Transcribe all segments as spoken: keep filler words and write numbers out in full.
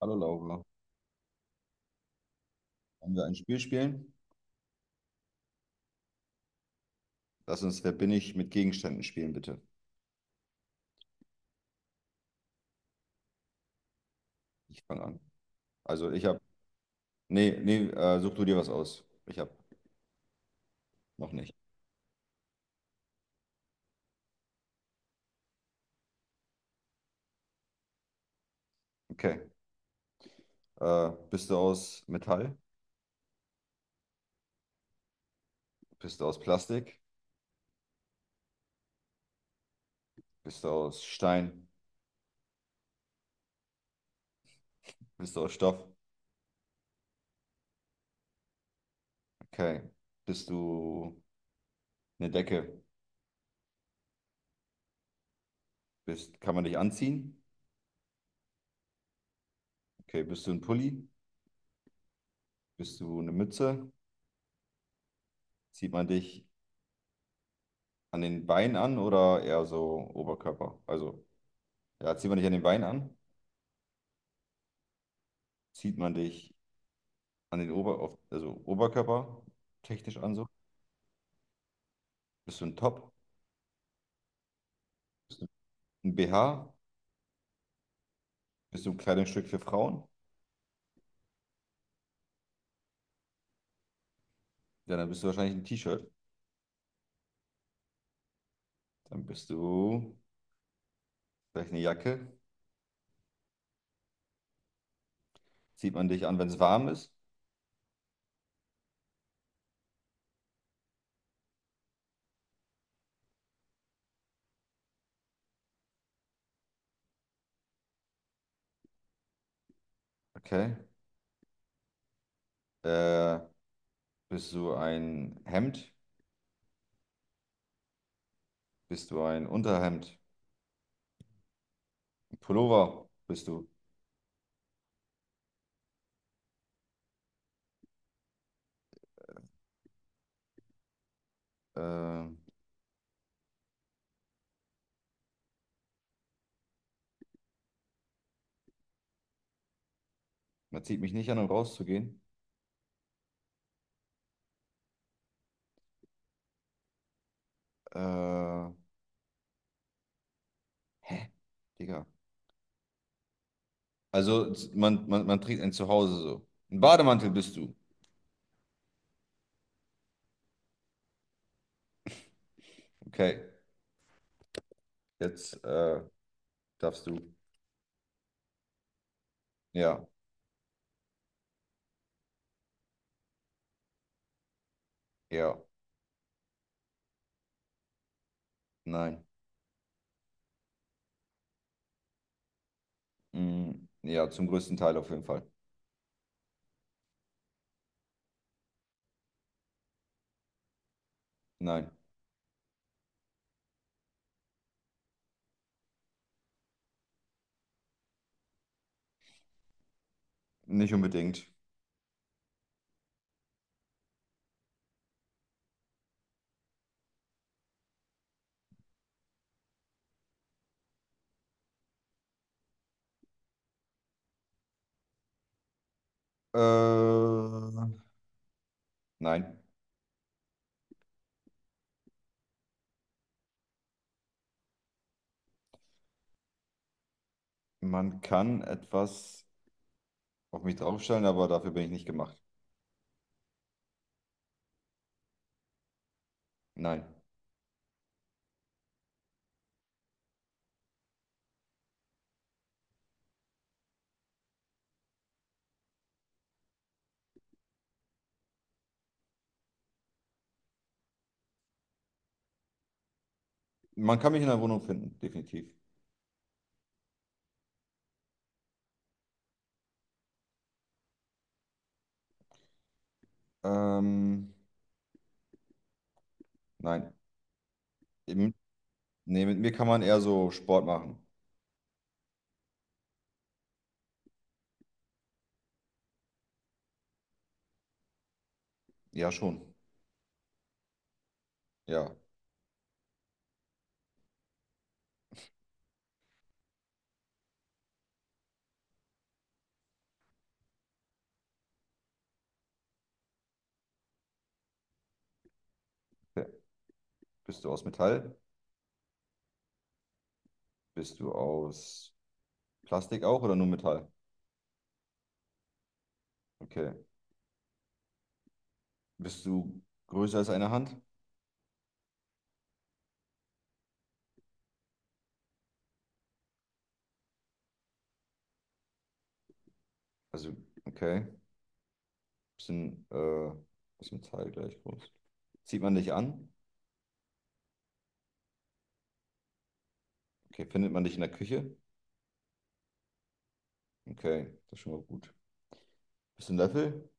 Hallo Laura, wollen wir ein Spiel spielen? Lass uns Wer bin ich mit Gegenständen spielen, bitte. Ich fange an. Also ich habe, nee, nee, äh, such du dir was aus. Ich habe noch nicht. Okay. Äh, bist du aus Metall? Bist du aus Plastik? Bist du aus Stein? Bist du aus Stoff? Okay. Bist du eine Decke? Bist, kann man dich anziehen? Okay. Bist du ein Pulli? Bist du eine Mütze? Zieht man dich an den Beinen an oder eher so Oberkörper? Also, ja, zieht man dich an den Beinen an? Zieht man dich an den Ober, auf, also Oberkörper technisch an so. Bist du ein Top? Bist du ein B H? Bist du ein Kleidungsstück für Frauen? Ja, dann bist du wahrscheinlich ein T-Shirt. Dann bist du vielleicht eine Jacke. Zieht man dich an, wenn es warm ist. Okay. Äh, bist du ein Hemd? Bist du ein Unterhemd? Ein Pullover bist du. Äh, man zieht mich nicht an, um rauszugehen. Äh, hä? Digga. Also man, man, man trägt ein Zuhause so. Ein Bademantel bist du. Okay. Jetzt äh, darfst du. Ja, ja, nein. Mm, ja, zum größten Teil auf jeden Fall. Nein, nicht unbedingt. Äh, nein, man kann etwas auf mich draufstellen, aber dafür bin ich nicht gemacht. Nein. Man kann mich in der Wohnung finden, definitiv. Ähm, nein. Eben- Nee, mit mir kann man eher so Sport machen. Ja, schon. Ja. Okay. Bist du aus Metall? Bist du aus Plastik auch oder nur Metall? Okay. Bist du größer als eine Hand? Also, okay. Bisschen, äh, bisschen Teil gleich groß. Zieht man dich an? Okay. Findet man dich in der Küche? Okay, das ist schon mal gut. Bisschen Löffel?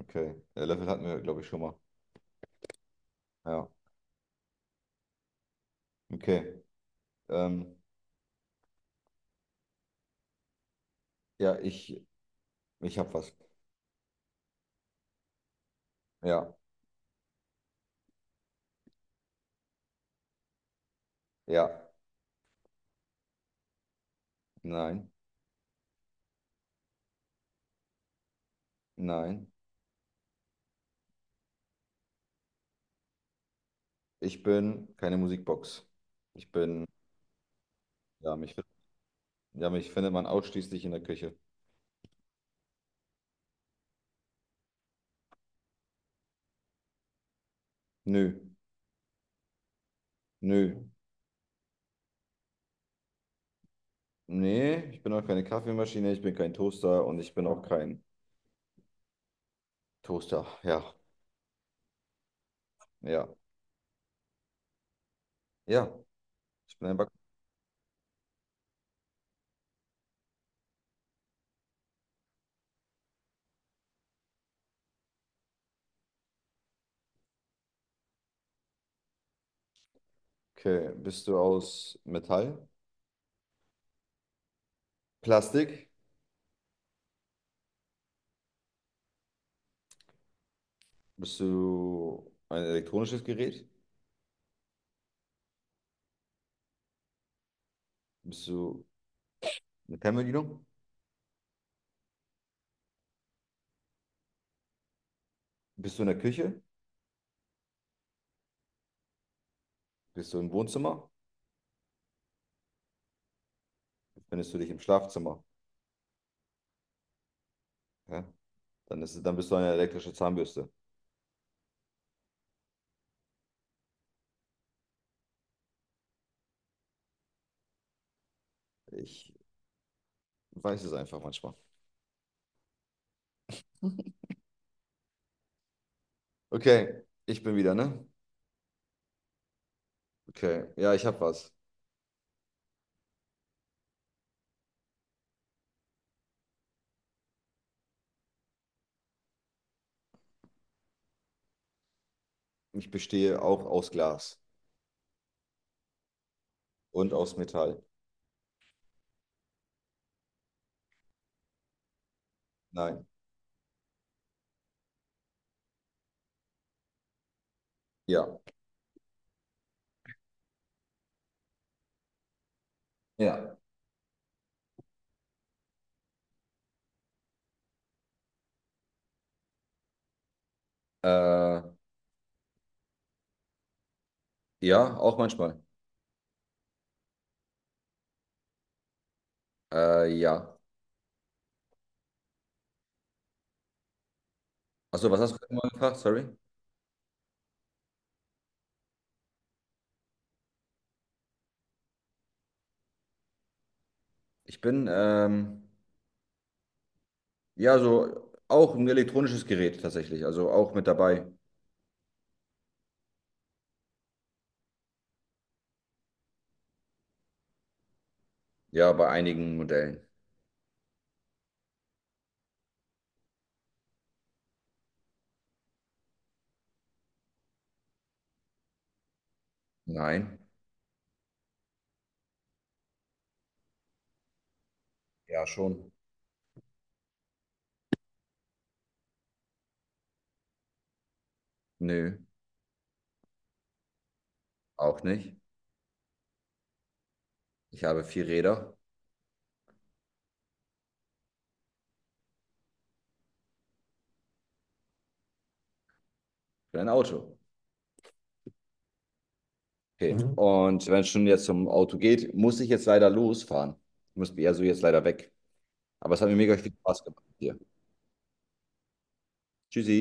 Okay. Äh, Löffel hatten wir, glaube ich, schon mal. Ja. Okay. Ähm, ja, ich, ich hab was. Ja. Ja. Nein. Nein. Ich bin keine Musikbox. Ich bin, ja, mich, fin- ja, mich findet man ausschließlich in der Küche. Nö. Nö. Nee, ich bin auch keine Kaffeemaschine, ich bin kein Toaster und ich bin auch kein Toaster. Ja, ja. Ja, ich bin ein Back. Okay, bist du aus Metall? Plastik? Bist du ein elektronisches Gerät? Bist du eine Fernbedienung? Bist du in der Küche? Bist du im Wohnzimmer? Findest du dich im Schlafzimmer? Ja? Dann ist dann bist du eine elektrische Zahnbürste. Ich weiß es einfach manchmal. Okay, ich bin wieder, ne? Okay, ja, ich habe was. Ich bestehe auch aus Glas und aus Metall. Nein. Ja. Ja. Äh, ja, auch manchmal. Äh, ja. Achso, was hast du nochmal gefragt? Sorry. Ich bin, ähm, ja, so auch ein elektronisches Gerät tatsächlich. Also auch mit dabei. Ja, bei einigen Modellen. Nein. Ja, schon. Nö, auch nicht. Ich habe vier Räder. Für ein Auto. Okay. Mhm. Und wenn es schon jetzt zum Auto geht, muss ich jetzt leider losfahren. Ich muss also jetzt leider weg. Aber es hat mir mega viel Spaß gemacht hier. Tschüssi.